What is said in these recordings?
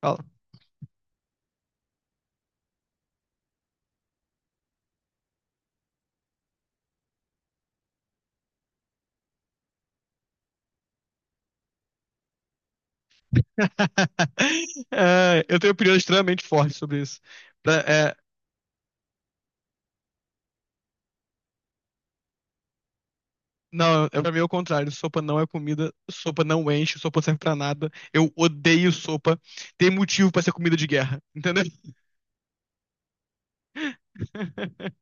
Fala. É, eu tenho opiniões extremamente fortes sobre isso. Pra- é, Não, é pra mim é o contrário. Sopa não é comida, sopa não enche, sopa não serve pra nada. Eu odeio sopa. Tem motivo pra ser comida de guerra, entendeu?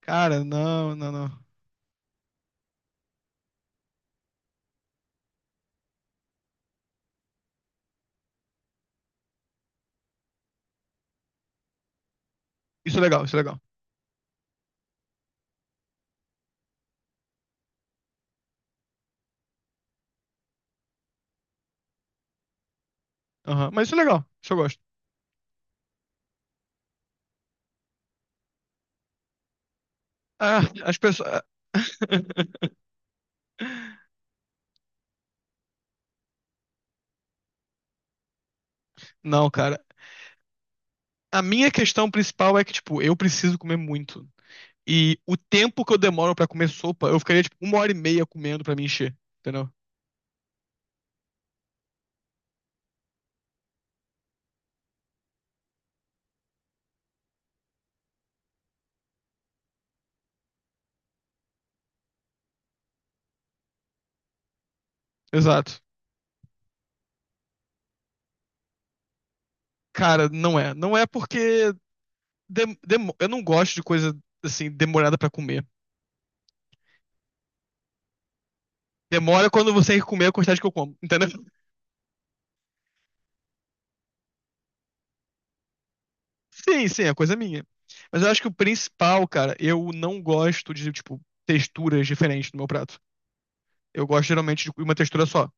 Cara, não, não, não. Isso é legal, isso é legal. Aham, mas isso é legal, isso eu gosto. Ah, as pessoas. Não, cara. A minha questão principal é que, tipo, eu preciso comer muito. E o tempo que eu demoro pra comer sopa, eu ficaria, tipo, uma hora e meia comendo pra me encher, entendeu? Exato. Cara, não é. Não é porque. Eu não gosto de coisa assim, demorada pra comer. Demora quando você tem comer a quantidade que eu como, entendeu? Sim, sim, é coisa minha. Mas eu acho que o principal, cara, eu não gosto de, tipo, texturas diferentes no meu prato. Eu gosto geralmente de uma textura só.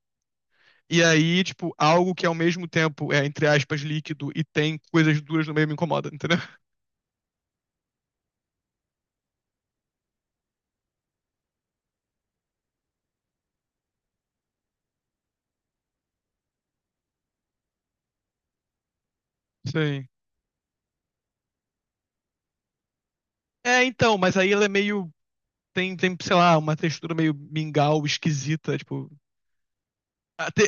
E aí, tipo, algo que ao mesmo tempo é, entre aspas, líquido e tem coisas duras no meio me incomoda, entendeu? Sim. É, então, mas aí ela é meio. Tem, sei lá, uma textura meio mingau esquisita, tipo. Até,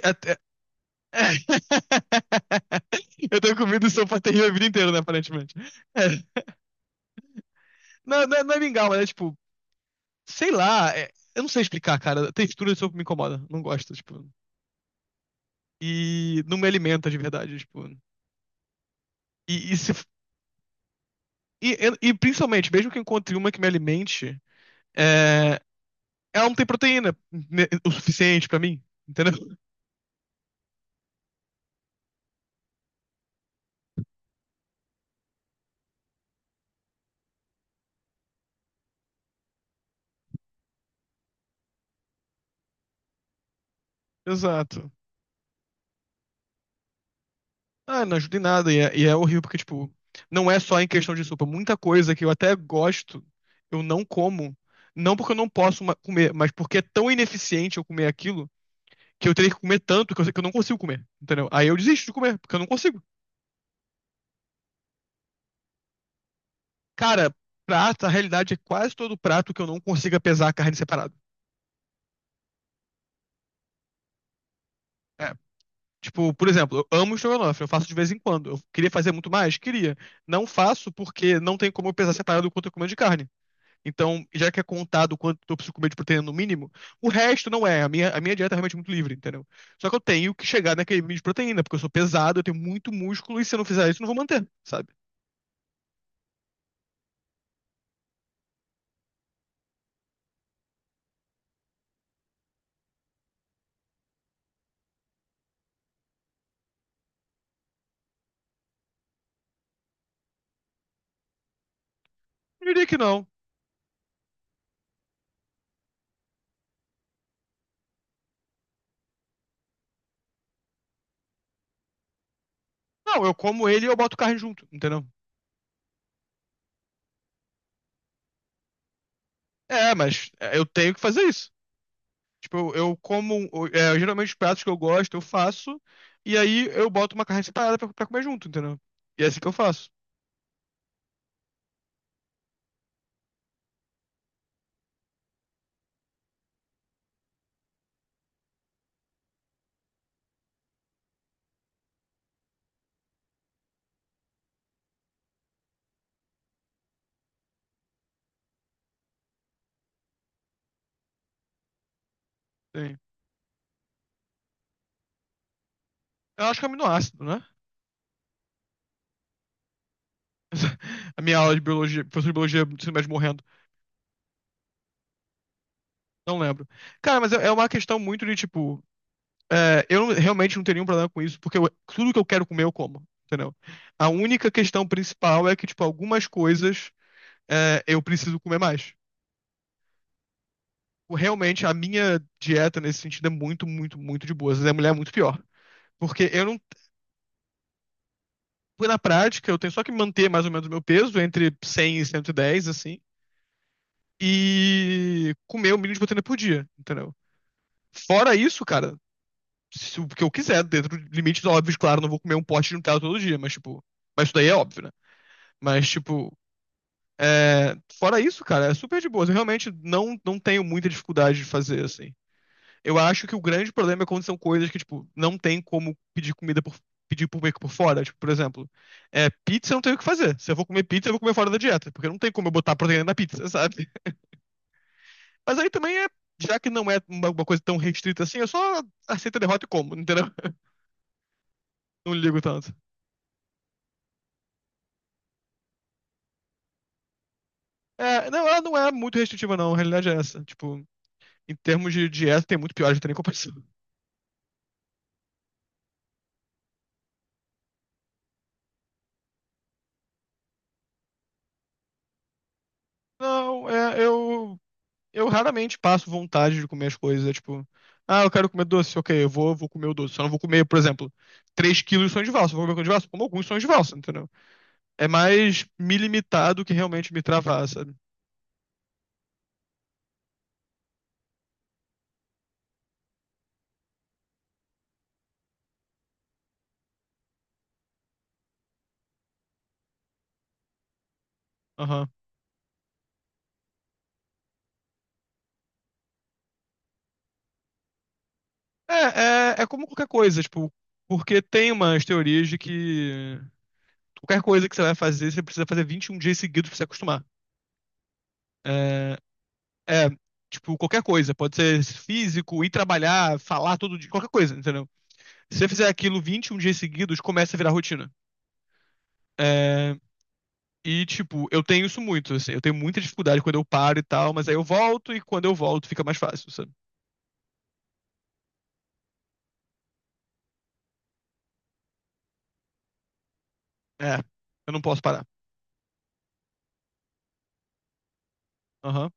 eu tô comendo sopa terrível a vida inteira, né, aparentemente. É. Não, não, não é mingau, mas é tipo, sei lá, eu não sei explicar, cara. A textura de sopa me incomoda, não gosto, tipo. E não me alimenta de verdade, tipo. E, se, e, principalmente, mesmo que eu encontre uma que me alimente, é, ela não tem proteína o suficiente pra mim, entendeu? Exato. Ah, não ajuda em nada. E é horrível, porque, tipo, não é só em questão de sopa. Muita coisa que eu até gosto, eu não como. Não porque eu não posso comer, mas porque é tão ineficiente eu comer aquilo que eu teria que comer tanto que eu, sei que eu não consigo comer. Entendeu? Aí eu desisto de comer, porque eu não consigo. Cara, prato, a realidade é quase todo prato que eu não consiga pesar a carne separado. É. Tipo, por exemplo, eu amo estrogonofe, eu faço de vez em quando. Eu queria fazer muito mais? Queria. Não faço porque não tem como eu pesar separado o quanto eu como de carne. Então, já que é contado quanto eu preciso comer de proteína no mínimo, o resto não é. A minha dieta é realmente muito livre, entendeu? Só que eu tenho que chegar naquele mínimo de proteína, porque eu sou pesado, eu tenho muito músculo, e se eu não fizer isso, eu não vou manter, sabe? Eu diria que não. Não, eu como ele e eu boto carne junto, entendeu? É, mas é, eu tenho que fazer isso. Tipo, eu como. Geralmente os pratos que eu gosto, eu faço, e aí eu boto uma carne separada pra comer junto, entendeu? E é assim que eu faço. Sim. Eu acho que é aminoácido, né? A minha aula de biologia, professor de biologia do ensino médio morrendo. Não lembro. Cara, mas é uma questão muito de tipo. Eu realmente não teria um problema com isso, porque tudo que eu quero comer eu como, entendeu? A única questão principal é que, tipo, algumas coisas eu preciso comer mais. Realmente, a minha dieta nesse sentido é muito, muito, muito de boa. Às vezes a mulher é muito pior. Porque eu não. Na prática, eu tenho só que manter mais ou menos o meu peso, entre 100 e 110, assim, e comer o mínimo de proteína por dia, entendeu? Fora isso, cara, se o que eu quiser, dentro de limites óbvios, claro, não vou comer um pote de Nutella todo dia, mas tipo. Mas isso daí é óbvio, né? Mas, tipo, fora isso, cara, é super de boa. Eu realmente não tenho muita dificuldade de fazer, assim. Eu acho que o grande problema é quando são coisas que, tipo, não tem como pedir comida por, pedir por meio que por fora. Tipo, por exemplo, pizza eu não tenho o que fazer. Se eu vou comer pizza, eu vou comer fora da dieta, porque não tem como eu botar proteína na pizza, sabe? Mas aí também já que não é uma coisa tão restrita assim, eu só aceito a derrota e como, entendeu? Não ligo tanto. É, não, ela não é muito restritiva, não. A realidade é essa. Tipo, em termos de dieta, tem muito pior, já gente tem nem comparação. Não, eu raramente passo vontade de comer as coisas. Tipo, ah, eu quero comer doce. Ok, eu vou comer o doce. Só não vou comer, por exemplo, 3 quilos de sonho de valsa. Eu vou comer coisa de valsa? Como alguns sonhos de valsa, entendeu? É mais me limitar do que realmente me travar, sabe? Aham. É como qualquer coisa, tipo, porque tem umas teorias de que qualquer coisa que você vai fazer, você precisa fazer 21 dias seguidos pra se acostumar. É, É, tipo, qualquer coisa. Pode ser físico, ir trabalhar, falar todo dia, qualquer coisa, entendeu? Se você fizer aquilo 21 dias seguidos, começa a virar rotina. É, e, tipo, eu tenho isso muito, assim. Eu tenho muita dificuldade quando eu paro e tal, mas aí eu volto e quando eu volto fica mais fácil, sabe? É, eu não posso parar. Aham.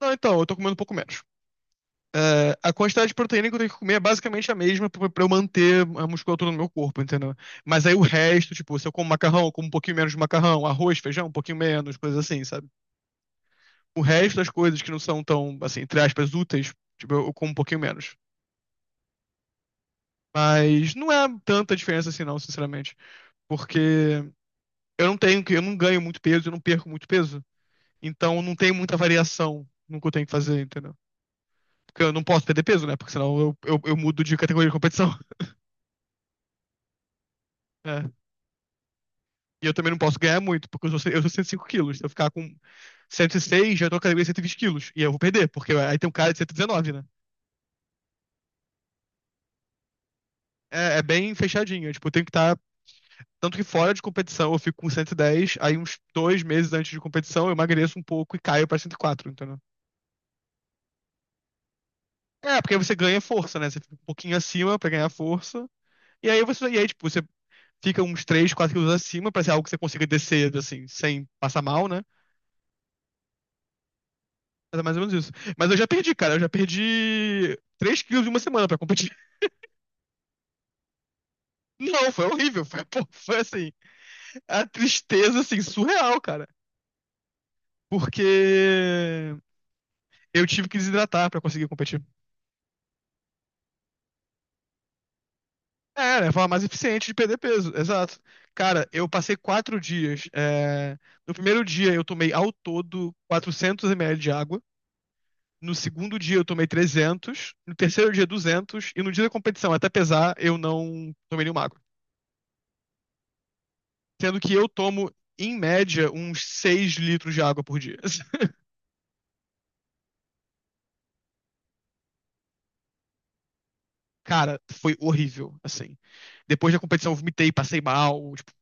Não, então, eu tô comendo um pouco menos. É, a quantidade de proteína que eu tenho que comer é basicamente a mesma pra eu manter a musculatura no meu corpo, entendeu? Mas aí o resto, tipo, se eu como macarrão, eu como um pouquinho menos de macarrão, arroz, feijão, um pouquinho menos, coisas assim, sabe? O resto das coisas que não são tão, assim, entre aspas, úteis, tipo, eu como um pouquinho menos. Mas não é tanta diferença assim, não, sinceramente. Porque eu não tenho, eu não ganho muito peso, eu não perco muito peso. Então não tem muita variação no que eu tenho que fazer, entendeu? Porque eu não posso perder peso, né? Porque senão eu mudo de categoria de competição. Né? E eu também não posso ganhar muito, porque eu sou 105 quilos. Se eu ficar com 106, já tô na categoria de 120 quilos. E eu vou perder, porque aí tem um cara de 119, né? É, é bem fechadinho. É, Tipo, eu tenho que estar Tanto que fora de competição eu fico com 110, aí uns 2 meses antes de competição eu emagreço um pouco e caio pra 104, entendeu? É, porque aí você ganha força, né? Você fica um pouquinho acima pra ganhar força. E aí, tipo, você fica uns 3 4 quilos acima pra ser algo que você consiga descer, assim, sem passar mal, né? Mas é mais ou menos isso. Mas eu já perdi, cara. Eu já perdi 3 quilos em uma semana pra competir. Não, foi horrível. Foi, pô, foi assim, a tristeza, assim, surreal, cara. Porque eu tive que desidratar pra conseguir competir. É, né? Forma mais eficiente de perder peso, exato. Cara, eu passei 4 dias. No primeiro dia eu tomei ao todo 400 ml de água. No segundo dia eu tomei 300. No terceiro dia 200. E no dia da competição, até pesar, eu não tomei nenhuma água. Sendo que eu tomo, em média, uns 6 litros de água por dia. Cara, foi horrível, assim. Depois da competição eu vomitei, passei mal. Tipo,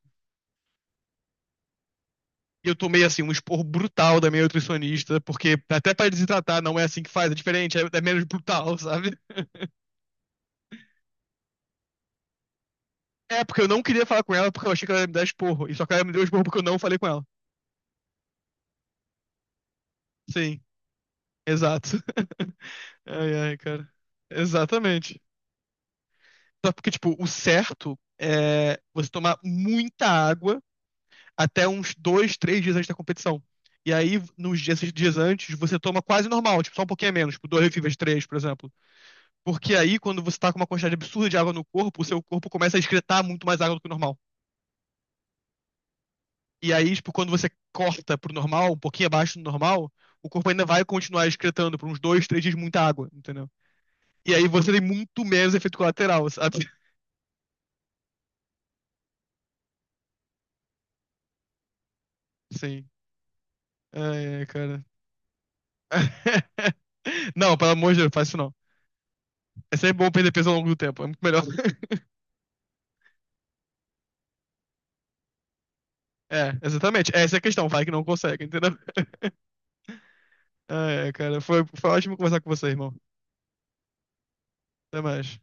E eu tomei, assim, um esporro brutal da minha nutricionista, porque até pra desidratar não é assim que faz, é diferente, é menos brutal, sabe? É, porque eu não queria falar com ela porque eu achei que ela ia me dar esporro. E só que ela me deu esporro porque eu não falei com ela. Sim, exato. Ai, ai, cara. Exatamente. Só porque, tipo, o certo é você tomar muita água até uns dois, três dias antes da competição. E aí, nos dias, esses dias antes, você toma quase normal, tipo, só um pouquinho a menos, tipo, dois refis três, por exemplo. Porque aí, quando você tá com uma quantidade absurda de água no corpo, o seu corpo começa a excretar muito mais água do que o normal. E aí, tipo, quando você corta pro normal, um pouquinho abaixo do normal, o corpo ainda vai continuar excretando por uns dois, três dias muita água, entendeu? E aí você tem muito menos efeito colateral, sabe? Sim. Ai, ai, cara. Não, pelo amor de Deus, faz isso não. É sempre bom perder peso ao longo do tempo, é muito melhor. É, exatamente. Essa é a questão, vai que não consegue, entendeu? Ai, ai, cara, foi ótimo conversar com você, irmão. Até mais.